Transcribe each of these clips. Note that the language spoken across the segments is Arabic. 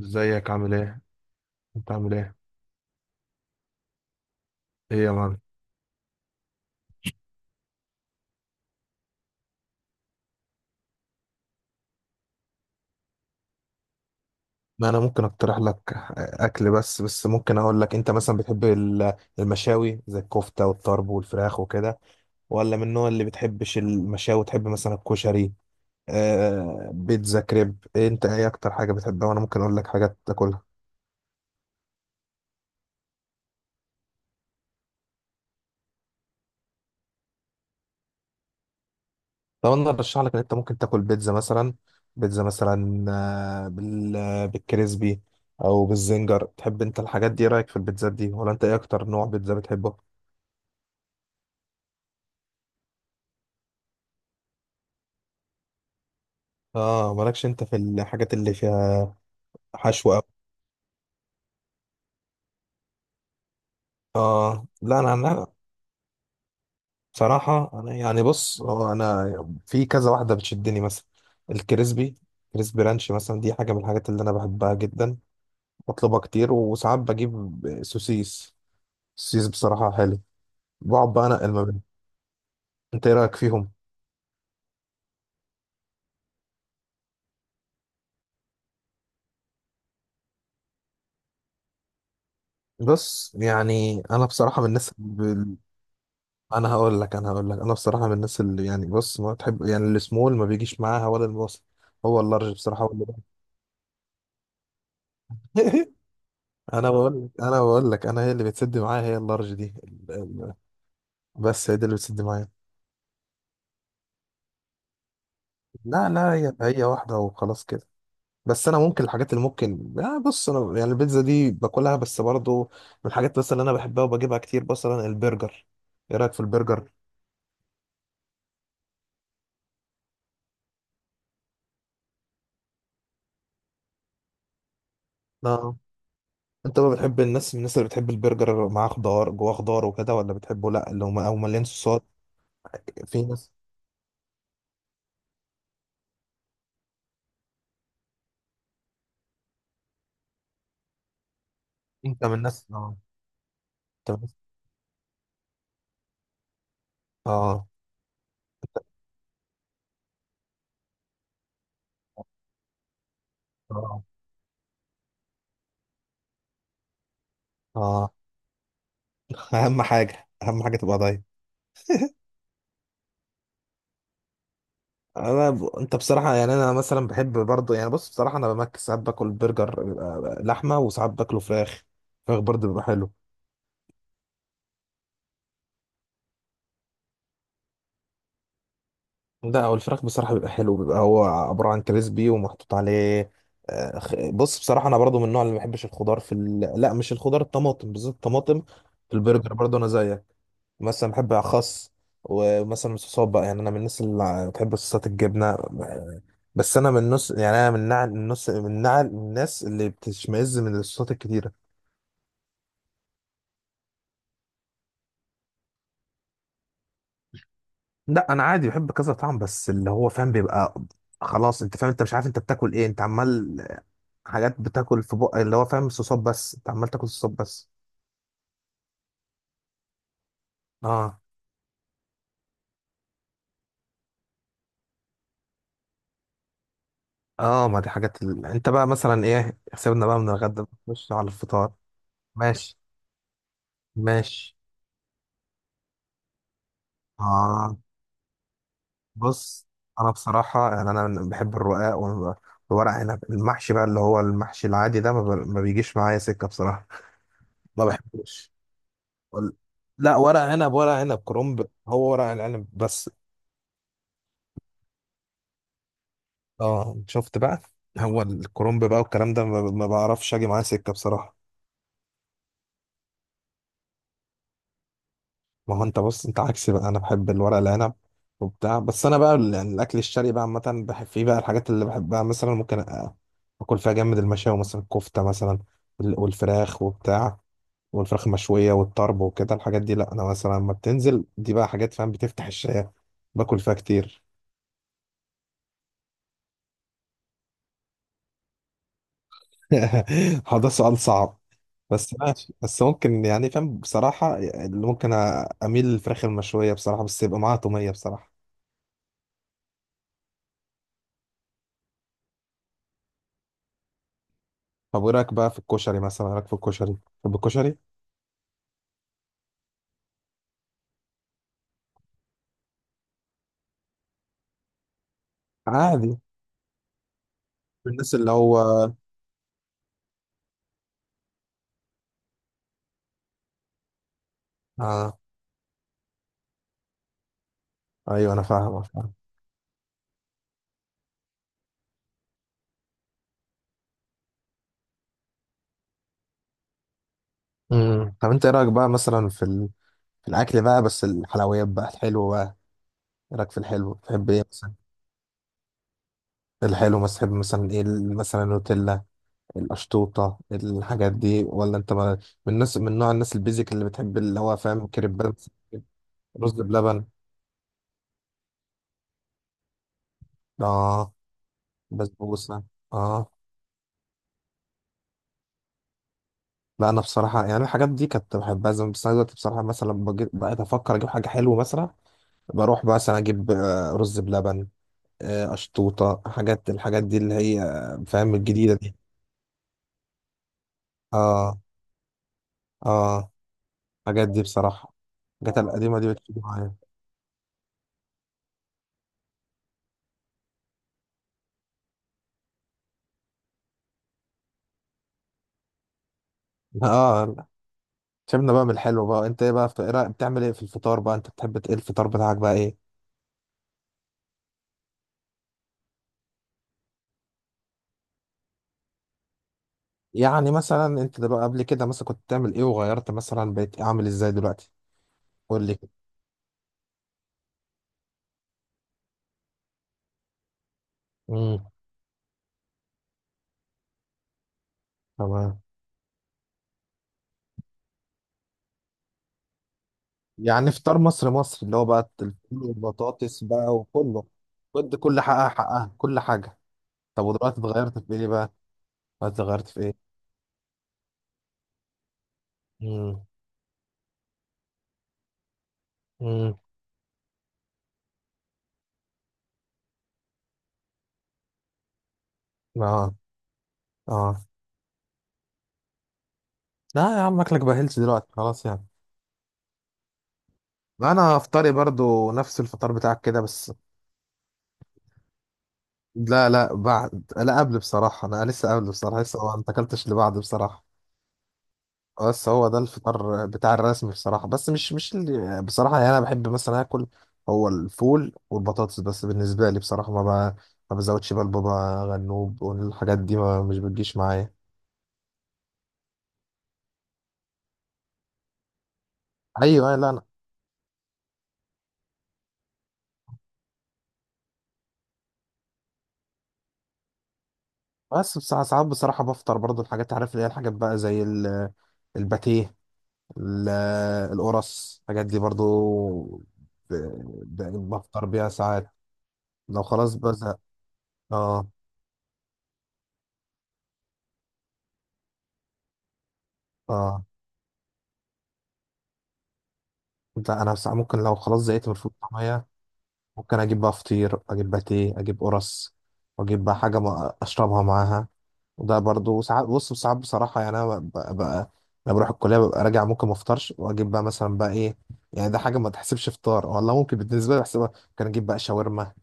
ازيك؟ عامل ايه؟ انت عامل ايه؟ ايه يا مان؟ ما انا ممكن اقترح لك اكل، بس ممكن اقول لك انت مثلا بتحب المشاوي زي الكفته والطرب والفراخ وكده، ولا من النوع اللي بتحبش المشاوي، تحب مثلا الكشري، آه، بيتزا، كريب، إيه؟ انت ايه اكتر حاجه بتحبها وانا ممكن اقول لك حاجات تاكلها. طب انا ارشح لك ان انت ممكن تاكل بيتزا مثلا، بيتزا مثلا بالكريسبي او بالزنجر، تحب انت الحاجات دي؟ إيه رايك في البيتزات دي؟ ولا انت ايه اكتر نوع بيتزا بتحبه؟ اه مالكش انت في الحاجات اللي فيها حشو أوي. اه لا، انا بصراحه، انا يعني بص، هو انا في كذا واحده بتشدني مثلا، الكريسبي كريسبي رانش مثلا، دي حاجه من الحاجات اللي انا بحبها جدا، بطلبها كتير. وساعات بجيب سوسيس بصراحه حلو، بقعد بقى انقل ما بينهم. انت ايه رايك فيهم؟ بص يعني انا بصراحه من الناس انا هقول لك، انا بصراحه من الناس اللي يعني، بص، ما تحب يعني، السمول ما بيجيش معاها ولا الوسط، هو اللارج بصراحه هو اللي… انا بقول لك، انا هي اللي بتسد معايا هي اللارج دي، بس هي دي اللي بتسد معايا. لا لا، هي واحده وخلاص كده. بس انا ممكن الحاجات اللي ممكن، بص انا يعني البيتزا دي باكلها، بس برضو من الحاجات بس اللي انا بحبها وبجيبها كتير مثلا البرجر. ايه رايك في البرجر؟ لا، انت بقى بتحب الناس، من الناس اللي بتحب البرجر معاه خضار جواه، خضار وكده، ولا بتحبه لا اللي هم او مليان صوصات؟ في ناس. انت من الناس؟ اه. انت من الناس؟ اه اه. اه. اهم حاجه، اهم حاجه تبقى ضايع. انت بصراحه يعني، انا مثلا بحب برضه، يعني بص بصراحه، انا بمك ساعات باكل برجر بيبقى لحمه، وساعات باكله فراخ، فراخ برضه بيبقى حلو. لا، هو الفراخ بصراحه بيبقى حلو، بيبقى هو عباره عن كريسبي ومحطوط عليه. بص بصراحه انا برضه من النوع اللي ما بحبش الخضار في ال… لا، مش الخضار، الطماطم بالذات، الطماطم في البرجر برضه انا زيك. مثلا بحب خس، ومثلا الصوصات بقى، يعني انا من الناس اللي بتحب صوصات الجبنه، بس انا من النص يعني، انا من النص، من الناس اللي بتشمئز من الصوصات الكتيره. لا انا عادي بحب كذا طعم، بس اللي هو فاهم بيبقى، خلاص انت فاهم، انت مش عارف انت بتاكل ايه، انت عمال حاجات بتاكل في بق، اللي هو فاهم صوصات بس، انت عمال تاكل صوصات بس. اه، اه، ما دي حاجات ال… انت بقى مثلا ايه، سيبنا بقى من الغدا، نخش على الفطار. ماشي، ماشي. اه بص، انا بصراحة يعني انا بحب الرقاق والورق عنب المحشي بقى، اللي هو المحشي العادي ده ما، ما بيجيش معايا سكة بصراحة. ما بحبوش. وال- لا، ورق عنب، ورق عنب، كرنب، هو ورق العنب بس. اه شفت بقى. هو الكرنب بقى والكلام ده، ما بعرفش اجي معاه سكه بصراحه. ما هو انت بص، انت عكسي بقى، انا بحب الورق العنب وبتاع. بس انا بقى يعني الاكل الشرقي بقى عامه بحب فيه بقى الحاجات اللي بحبها، مثلا ممكن اكل فيها جامد، المشاوي مثلا، الكفته مثلا، والفراخ وبتاع، والفراخ المشويه والطرب وكده الحاجات دي، لا انا مثلا لما بتنزل دي بقى حاجات، فاهم، بتفتح الشهيه، باكل فيها كتير. هو ده سؤال صعب، بس ماشي، بس ممكن يعني، فاهم، بصراحة اللي ممكن، أميل للفراخ المشوية بصراحة، بس يبقى معاها تومية بصراحة. طب وإيه رأيك بقى في الكشري مثلا؟ إيه رأيك في الكشري؟ طب الكشري. عادي. الناس اللي هو. آه. أيوه، أنا فاهم، فاهم. طب أنت إيه رأيك بقى مثلا في ال…؟ في الأكل بقى، بس الحلويات بقى، الحلو بقى، إيه رأيك في الحلو؟ تحب إيه مثلا؟ الحلو مثلا تحب مثلا إيه مثلا النوتيلا، القشطوطة، الحاجات دي، ولا أنت ما…؟ من الناس، من نوع الناس البيزك اللي بتحب اللي هو، فاهم، كريبات، رز بلبن. اه، بسبوسة. اه. لا، انا بصراحة يعني الحاجات دي كنت بحبها زمان، بس انا دلوقتي بصراحة، مثلا لما بقيت افكر اجيب حاجة حلوة مثلا، بروح مثلا اجيب رز بلبن، اشطوطة، الحاجات دي اللي هي، فاهم، الجديدة دي. اه. اه. الحاجات دي بصراحة، الحاجات القديمة دي بتجيب معايا. اه، لا. سيبنا بقى من الحلو بقى. انت ايه بقى في إيه بتعمل ايه في الفطار بقى؟ انت بتحب ايه الفطار بتاعك بقى؟ ايه؟ يعني مثلا انت دلوقتي، قبل كده مثلا كنت بتعمل ايه، وغيرت مثلا بقيت عامل ازاي دلوقتي؟ قول لي. امم. تمام. يعني فطار مصر، مصر اللي هو بقى الفول والبطاطس بقى وكله. كنت كل حقها، حقها، كل حاجة. طب ودلوقتي اتغيرت في ايه بقى؟ دلوقتي اتغيرت في ايه؟ امم، امم. اه. اه. لا يا عم، اكلك بهلش دلوقتي خلاص يعني. انا فطاري برضو نفس الفطار بتاعك كده، بس. لا لا بعد، لا قبل بصراحة، انا لسه قبل بصراحة، لسه ما اكلتش اللي بعد بصراحة. بس هو ده الفطار بتاع الرسمي بصراحة، بس مش اللي بصراحة، يعني أنا بحب مثلا آكل، هو الفول والبطاطس بس بالنسبة لي بصراحة، ب... ما بزودش بقى البابا غنوب، والحاجات دي ما، مش بتجيش معايا. أيوه، أيوة، لا أنا، بس بصراحة ساعات بصراحة بفطر برضو الحاجات، عارف، اللي هي الحاجات بقى زي ال…، الباتيه، ال…، القرص، الحاجات دي برضو ب... بفطر بيها ساعات لو خلاص بزهق. اه. اه. لا انا ساعة ممكن لو خلاص زهقت من الفول والطعمية، ممكن اجيب بقى فطير، اجيب باتيه، اجيب قرص، واجيب بقى حاجه ما اشربها معاها. وده برضو ساعات، بص ساعات بصراحه يعني، انا ببقى بقى لما بروح الكليه ببقى راجع، ممكن ما افطرش، واجيب بقى مثلا بقى ايه، يعني ده حاجه ما تحسبش فطار والله، ممكن بالنسبه لي بحسبها، ممكن اجيب بقى شاورما،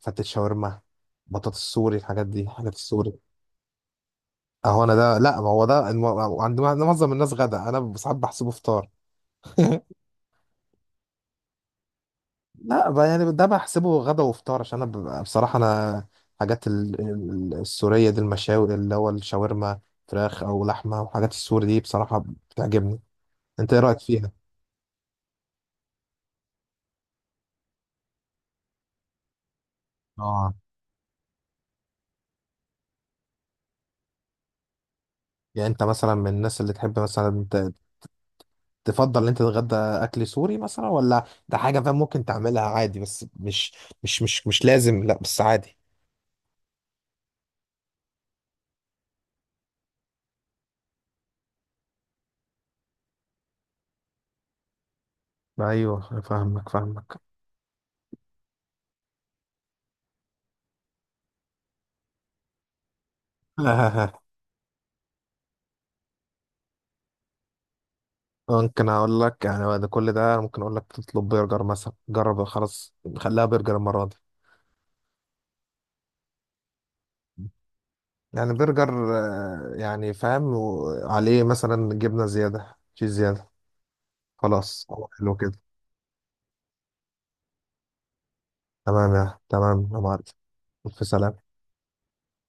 فتة شاورما، بطاطس، سوري، الحاجات دي، حاجات السوري. اهو، انا ده، لا، ما هو ده عند معظم الناس غدا، انا ساعات بحسبه فطار. لا بقى، يعني ده بحسبه غدا وفطار، عشان انا بصراحه انا حاجات السوريه دي، المشاوي، اللي هو الشاورما، فراخ او لحمه، وحاجات السوري دي بصراحه بتعجبني. انت ايه رايك فيها؟ اه، يعني انت مثلا من الناس اللي تحب مثلا، تفضل ان انت تتغدى اكل سوري مثلا، ولا ده حاجه، فاهم، ممكن تعملها عادي بس مش، مش مش مش لازم، لا بس عادي. ايوه فاهمك، فاهمك. ممكن اقول لك يعني بعد كل ده، ممكن اقول لك تطلب برجر مثلا، جرب، خلاص خليها برجر المره دي. يعني برجر يعني فاهم، عليه مثلا جبنه زياده، تشيز زياده. خلاص، حلو كده. تمام يا، تمام يا معلم. في سلام.